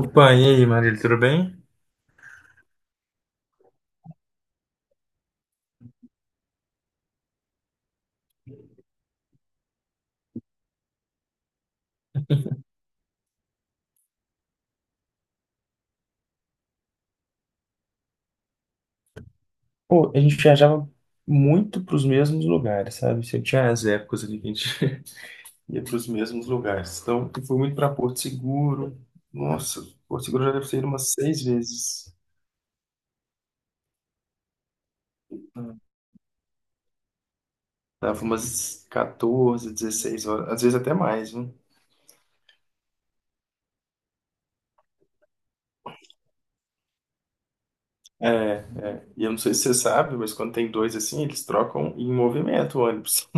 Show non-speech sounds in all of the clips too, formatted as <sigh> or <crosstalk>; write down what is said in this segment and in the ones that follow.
Opa, e aí, Marília, tudo bem? Pô, a gente viajava muito para os mesmos lugares, sabe? Sempre tinha as épocas ali que a gente <laughs> ia para os mesmos lugares. Então, eu fui muito para Porto Seguro. Nossa, Porto Seguro eu já deve ter ido umas seis vezes. Dava umas 14, 16 horas, às vezes até mais, né? É, e eu não sei se você sabe, mas quando tem dois assim, eles trocam em movimento o ônibus.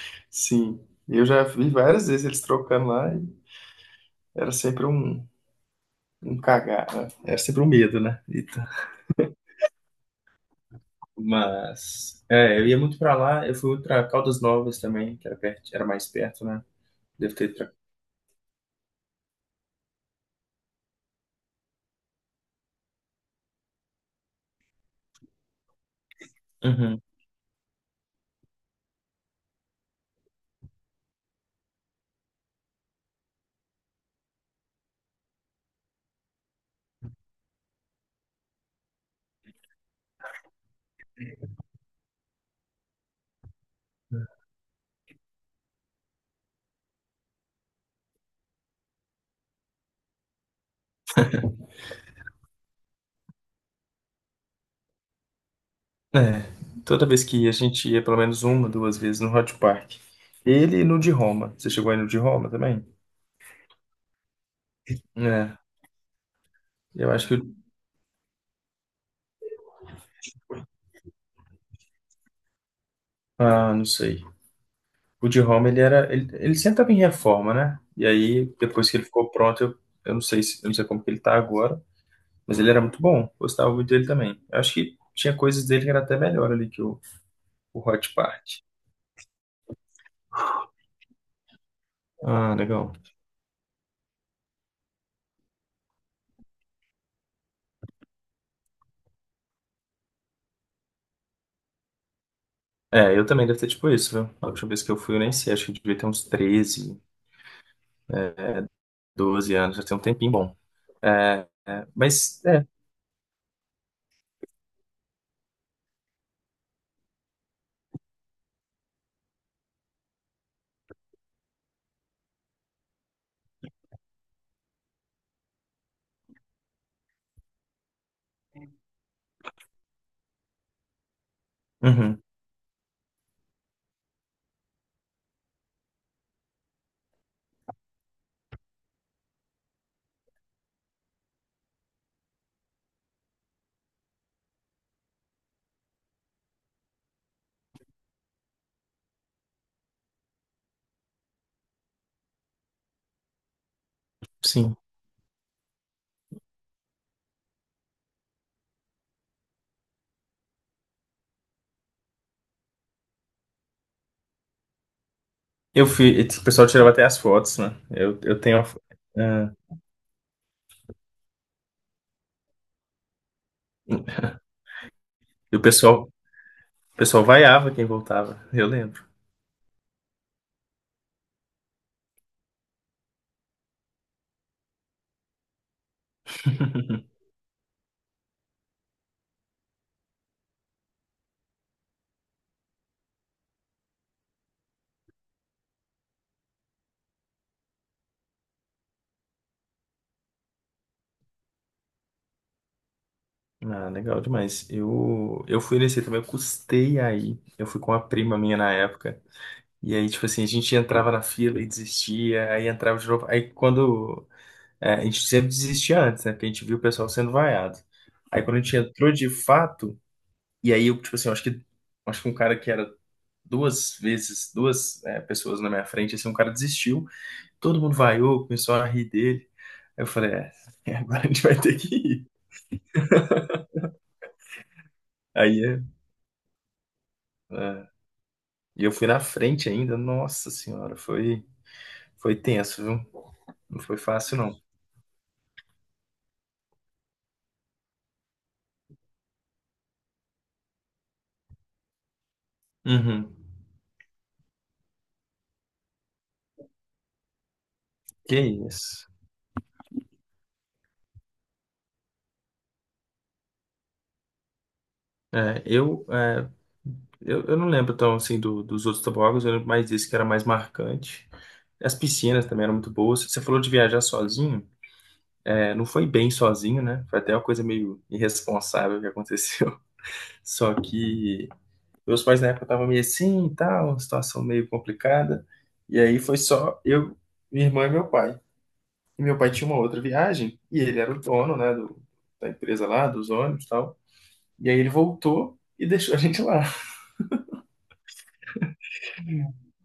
<laughs> Sim, eu já vi várias vezes eles trocando lá e era sempre um, cagar, né? Era sempre um medo, né? Mas, é, eu ia muito pra lá, eu fui pra Caldas Novas também, que era perto, era mais perto, né? Deve ter. Uhum. É, toda vez que ia, a gente ia pelo menos uma, duas vezes no Hot Park. Ele e no de Roma. Você chegou aí no de Roma também? É, eu acho que ah, não sei. O de Roma, ele era. Ele sempre estava em reforma, né? E aí, depois que ele ficou pronto, eu não sei se, eu não sei como que ele tá agora, mas ele era muito bom. Gostava muito dele também. Eu acho que tinha coisas dele que era até melhor ali que o Hot Park. Ah, legal. É, eu também devo ter tipo isso, viu? A última vez que eu fui, eu nem sei, acho que eu devia ter uns 13, é, 12 anos, já tem um tempinho bom. É, é, mas, é, uhum, sim. Eu fui, e tipo, o pessoal tirava até as fotos, né? Eu tenho, é, e o pessoal vaiava quem voltava, eu lembro. Ah, legal demais. Eu fui nesse também, eu custei aí. Eu fui com uma prima minha na época. E aí, tipo assim, a gente entrava na fila e desistia, aí entrava de novo. Aí quando É, a gente sempre desistia antes, né? Porque a gente viu o pessoal sendo vaiado. Aí quando a gente entrou de fato, e aí eu, tipo assim, eu acho que um cara que era duas vezes, duas, é, pessoas na minha frente, assim, um cara desistiu, todo mundo vaiou, começou a rir dele. Aí eu falei, é, <laughs> agora a gente vai ter que ir. Aí é, é, e eu fui na frente ainda, nossa senhora, foi tenso, viu? Não foi fácil, não. Uhum. Que isso. É, eu, é, eu não lembro tão assim dos outros tobogãs, eu lembro mais desse que era mais marcante. As piscinas também eram muito boas. Você falou de viajar sozinho, é, não foi bem sozinho, né? Foi até uma coisa meio irresponsável que aconteceu. <laughs> Só que meus pais na época estavam meio assim e tal, uma situação meio complicada. E aí foi só eu, minha irmã e meu pai. E meu pai tinha uma outra viagem, e ele era o dono, né, da empresa lá, dos ônibus e tal. E aí ele voltou e deixou a gente lá.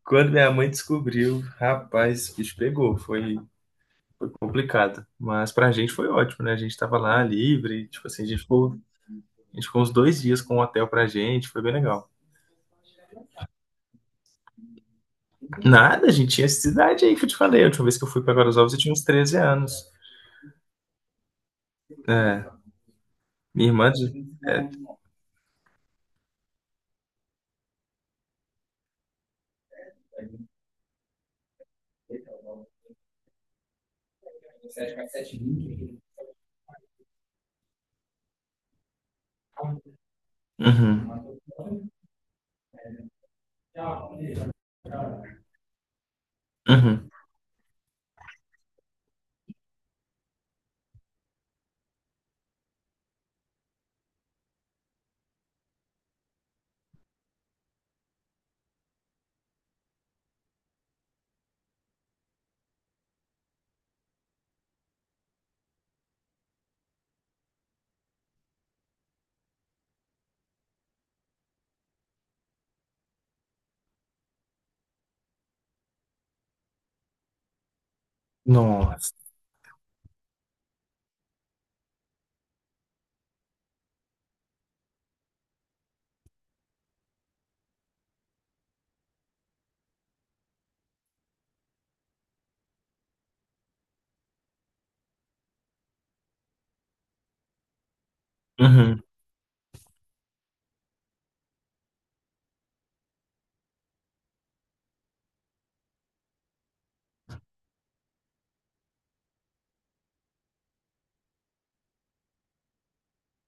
Quando minha mãe descobriu, rapaz, o bicho pegou, foi complicado. Mas pra gente foi ótimo, né? A gente tava lá livre, tipo assim, a gente ficou uns 2 dias com um hotel pra gente, foi bem legal. Nada, a gente tinha essa idade aí que eu te falei. A última vez que eu fui pra Guarulhos, eu tinha uns 13 anos. É, minha irmã. É, uhum, uhum. Nossa. Uhum.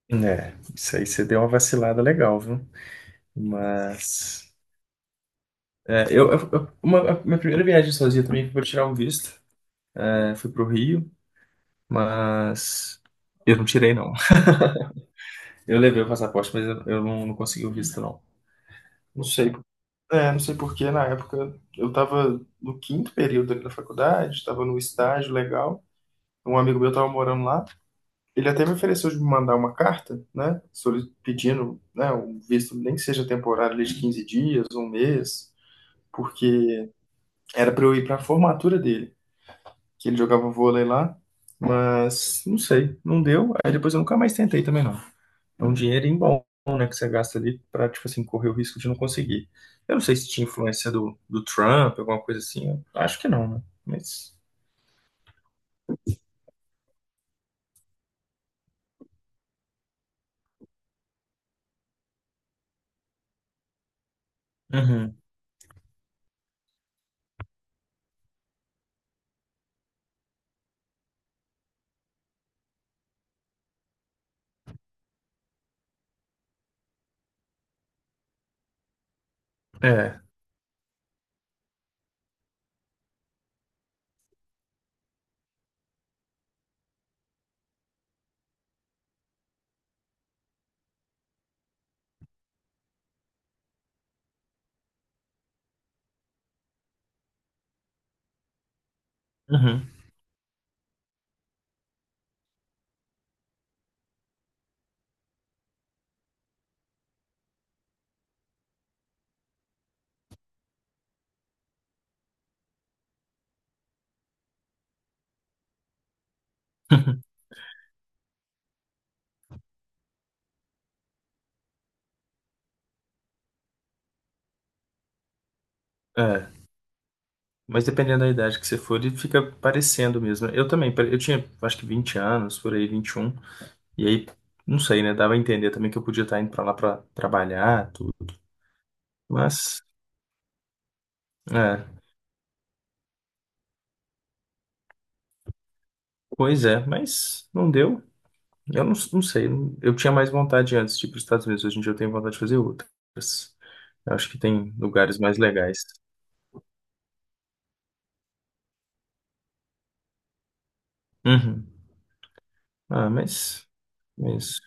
É, isso aí você deu uma vacilada legal, viu? Mas a minha primeira viagem sozinha também foi pra tirar um visto. É, fui pro Rio, mas eu não tirei, não. <laughs> Eu levei o passaporte, mas eu não, não consegui o visto, não. Não sei é, não sei porque na época eu estava no quinto período ali da faculdade, estava no estágio legal. Um amigo meu estava morando lá. Ele até me ofereceu de me mandar uma carta, né? Pedindo, né, um visto, nem que seja temporário, ali de 15 dias, um mês, porque era para eu ir para a formatura dele, que ele jogava vôlei lá, mas não sei, não deu. Aí depois eu nunca mais tentei também, não. É um dinheirinho bom, né, que você gasta ali pra, tipo assim, correr o risco de não conseguir. Eu não sei se tinha influência do Trump, alguma coisa assim. Eu acho que não, né? Mas. Uhum. É. Uhum. <laughs> É. Mas dependendo da idade que você for, ele fica parecendo mesmo. Eu também, eu tinha acho que 20 anos, por aí, 21. E aí, não sei, né? Dava a entender também que eu podia estar indo pra lá pra trabalhar, tudo. Mas. É. Pois é, mas não deu. Eu não, não sei, eu tinha mais vontade antes de ir para os Estados Unidos, hoje em dia eu tenho vontade de fazer outras. Eu acho que tem lugares mais legais. Uhum. Ah, mas.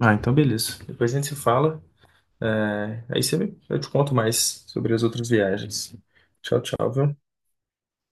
Ah, então beleza. Depois a gente se fala. É, aí você, eu te conto mais sobre as outras viagens. Tchau, tchau, viu?